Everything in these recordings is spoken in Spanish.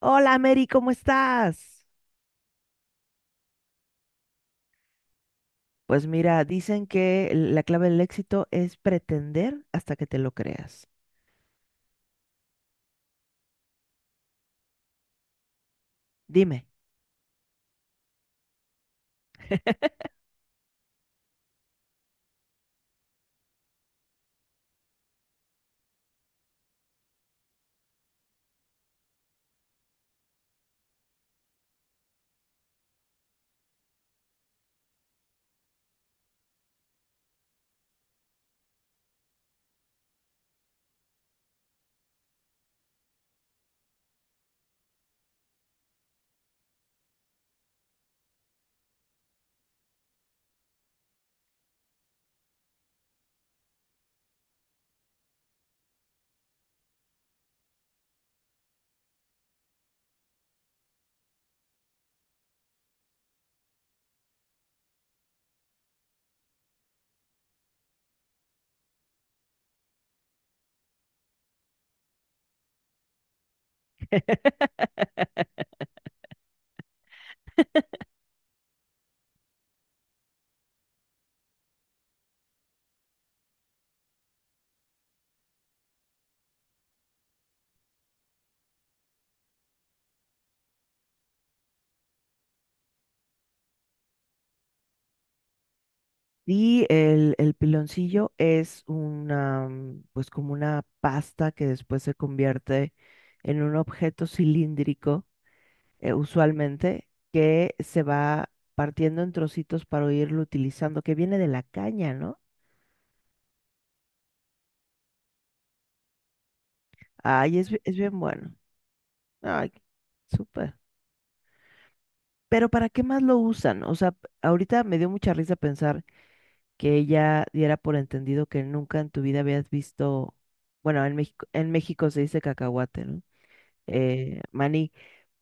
Hola, Mary, ¿cómo estás? Pues mira, dicen que la clave del éxito es pretender hasta que te lo creas. Dime. Y el piloncillo es una, mm, pues como una pasta que después se convierte en un objeto cilíndrico, usualmente, que se va partiendo en trocitos para irlo utilizando, que viene de la caña, ¿no? Ay, es, es bien bueno. Ay, súper. Pero ¿para qué más lo usan? O sea, ahorita me dio mucha risa pensar que ella diera por entendido que nunca en tu vida habías visto, bueno, en México se dice cacahuate, ¿no? Maní.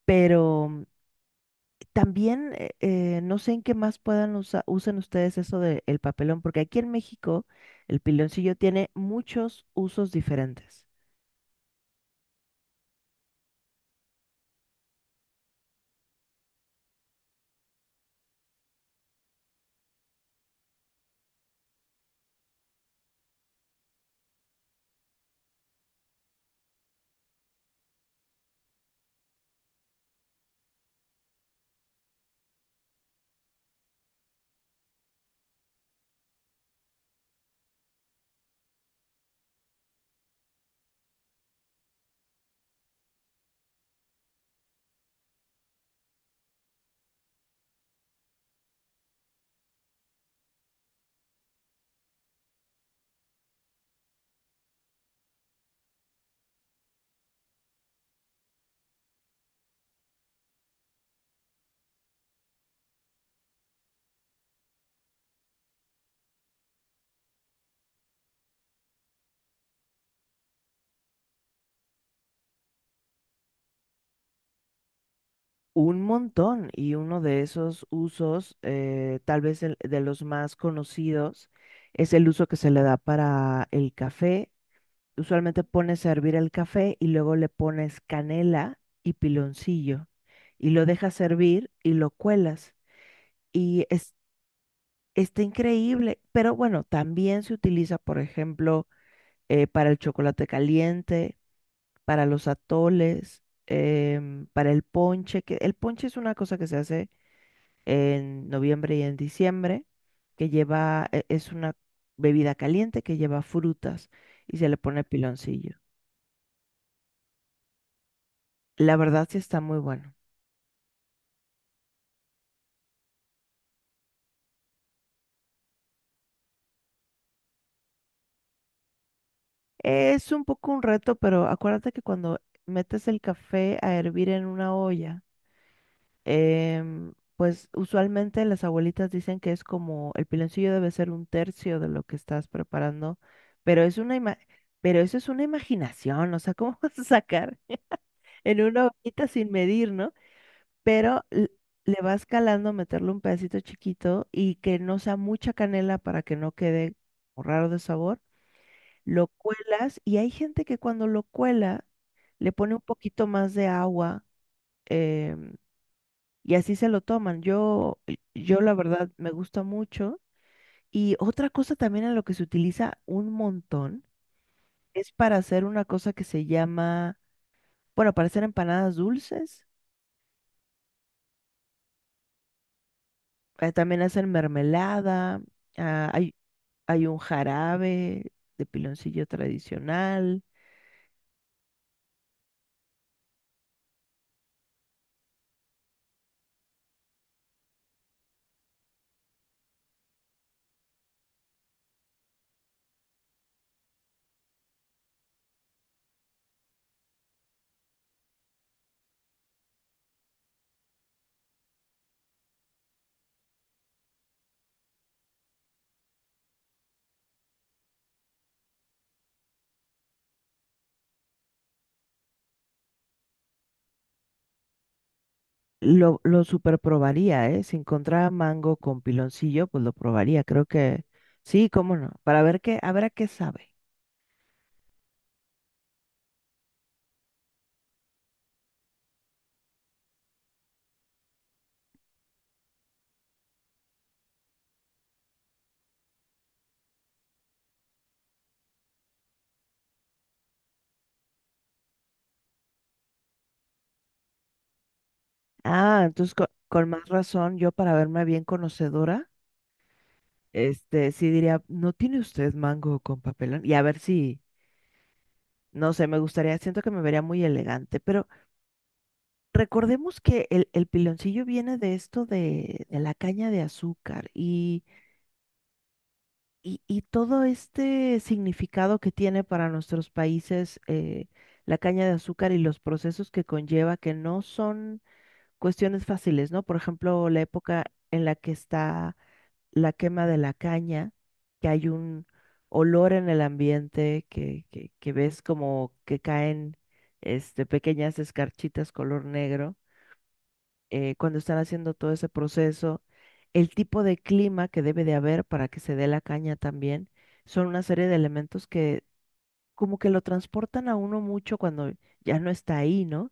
Pero también no sé en qué más puedan usar, usen ustedes eso del papelón, porque aquí en México el piloncillo tiene muchos usos diferentes. Un montón, y uno de esos usos, tal vez de los más conocidos, es el uso que se le da para el café. Usualmente pones a hervir el café y luego le pones canela y piloncillo y lo dejas hervir y lo cuelas. Y es, está increíble, pero bueno, también se utiliza, por ejemplo, para el chocolate caliente, para los atoles, para el ponche, que el ponche es una cosa que se hace en noviembre y en diciembre, que lleva, es una bebida caliente que lleva frutas y se le pone piloncillo. La verdad sí está muy bueno. Es un poco un reto, pero acuérdate que cuando metes el café a hervir en una olla, pues usualmente las abuelitas dicen que es como el piloncillo debe ser un tercio de lo que estás preparando, pero es una pero eso es una imaginación, o sea, ¿cómo vas a sacar en una ollita sin medir, ¿no? Pero le vas calando, meterle un pedacito chiquito y que no sea mucha canela para que no quede como raro de sabor. Lo cuelas y hay gente que cuando lo cuela le pone un poquito más de agua em, y así se lo toman. Yo, yo la verdad me gusta mucho. Y otra cosa también en lo que se utiliza un montón es para hacer una cosa que se llama, bueno, para hacer empanadas dulces. Eh, también hacen mermelada. Ah, hay... Hay un jarabe de piloncillo tradicional. Lo super probaría, ¿eh? Si encontraba mango con piloncillo, pues lo probaría. Creo que sí, cómo no. Para ver qué, a ver a qué sabe. Ah, entonces con, más razón, yo para verme bien conocedora, este, sí diría, ¿no tiene usted mango con papelón? Y a ver si, no sé, me gustaría, siento que me vería muy elegante, pero recordemos que el piloncillo viene de esto de la caña de azúcar. Y Y, y todo este significado que tiene para nuestros países, la caña de azúcar y los procesos que conlleva, que no son cuestiones fáciles, ¿no? Por ejemplo, la época en la que está la quema de la caña, que hay un olor en el ambiente, que ves como que caen, este, pequeñas escarchitas color negro, cuando están haciendo todo ese proceso, el tipo de clima que debe de haber para que se dé la caña también, son una serie de elementos que como que lo transportan a uno mucho cuando ya no está ahí, ¿no?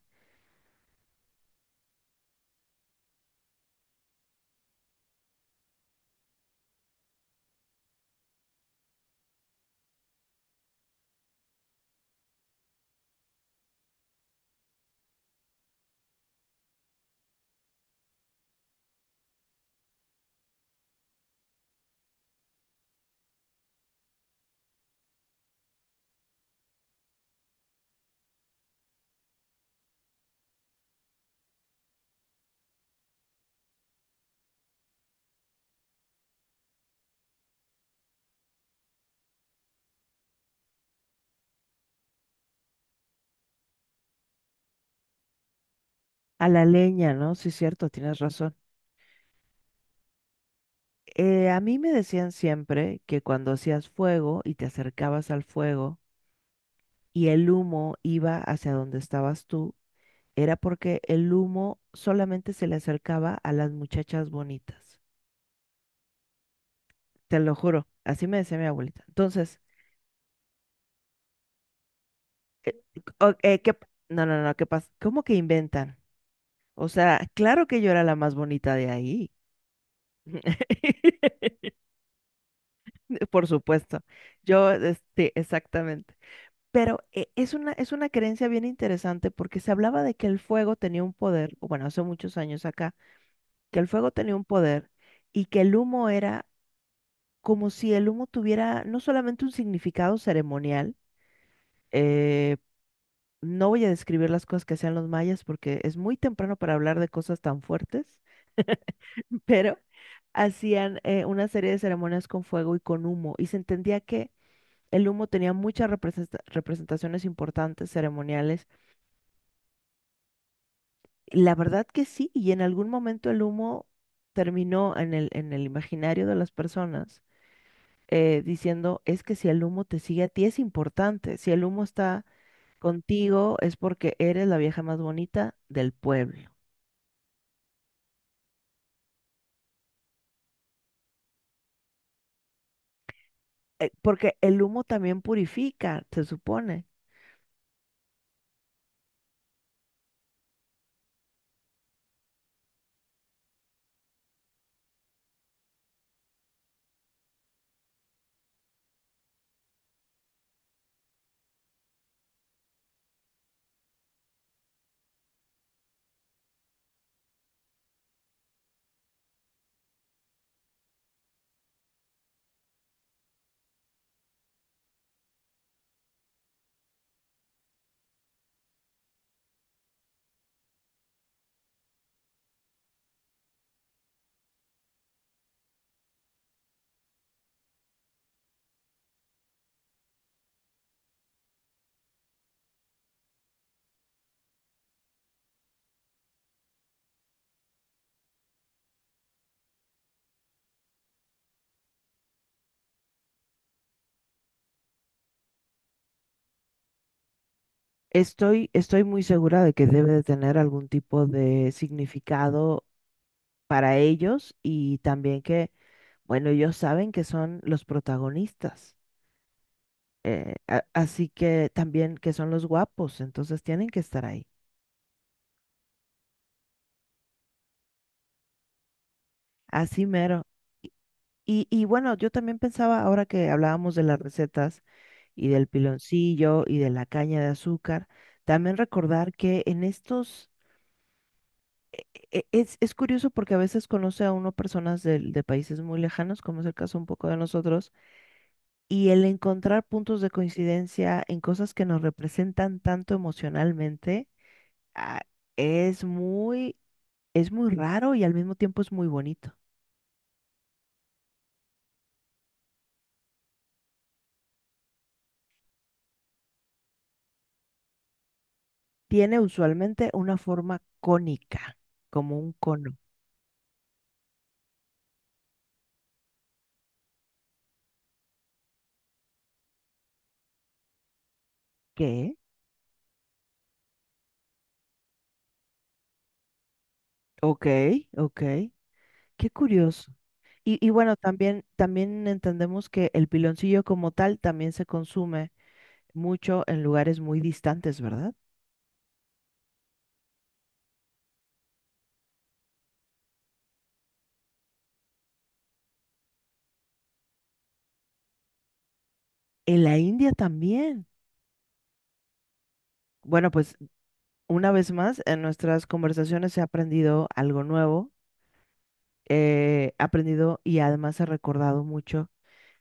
A la leña, ¿no? Sí, cierto, tienes razón. A mí me decían siempre que cuando hacías fuego y te acercabas al fuego y el humo iba hacia donde estabas tú, era porque el humo solamente se le acercaba a las muchachas bonitas. Te lo juro, así me decía mi abuelita. Entonces, No, no, no, ¿qué pasa? ¿Cómo que inventan? O sea, claro que yo era la más bonita de ahí. Por supuesto. Yo, este, exactamente. Pero es una creencia bien interesante porque se hablaba de que el fuego tenía un poder, o bueno, hace muchos años acá, que el fuego tenía un poder y que el humo era como si el humo tuviera no solamente un significado ceremonial, eh, no voy a describir las cosas que hacían los mayas porque es muy temprano para hablar de cosas tan fuertes, pero hacían una serie de ceremonias con fuego y con humo, y se entendía que el humo tenía muchas representaciones importantes ceremoniales. Y la verdad que sí, y en algún momento el humo terminó en el imaginario de las personas, diciendo, es que si el humo te sigue a ti es importante, si el humo está contigo es porque eres la vieja más bonita del pueblo. Porque el humo también purifica, se supone. Estoy muy segura de que debe de tener algún tipo de significado para ellos y también que, bueno, ellos saben que son los protagonistas, así que también que son los guapos, entonces tienen que estar ahí. Así mero. Y, y bueno, yo también pensaba, ahora que hablábamos de las recetas y del piloncillo y de la caña de azúcar, también recordar que en estos... es curioso porque a veces conoce a uno personas de países muy lejanos, como es el caso un poco de nosotros, y el encontrar puntos de coincidencia en cosas que nos representan tanto emocionalmente, ah, es muy, es muy raro y al mismo tiempo es muy bonito. Tiene usualmente una forma cónica, como un cono. ¿Qué? Ok, ok. Qué curioso. Y bueno, también, también entendemos que el piloncillo como tal también se consume mucho en lugares muy distantes, ¿verdad? En la India también. Bueno, pues una vez más, en nuestras conversaciones he aprendido algo nuevo, he aprendido y además he recordado mucho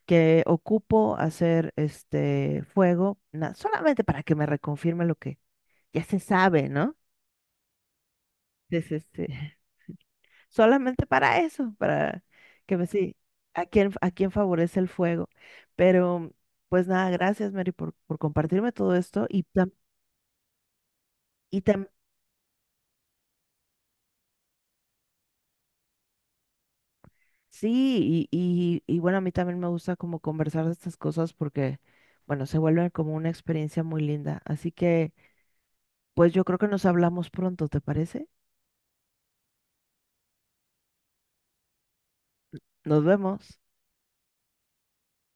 que ocupo hacer este fuego, solamente para que me reconfirme lo que ya se sabe, ¿no? Es este, solamente para eso, para que me sí, a quién favorece el fuego. Pero, pues nada, gracias, Mary, por compartirme todo esto y, y también... Sí, y bueno, a mí también me gusta como conversar de estas cosas porque, bueno, se vuelven como una experiencia muy linda. Así que, pues yo creo que nos hablamos pronto, ¿te parece? Nos vemos.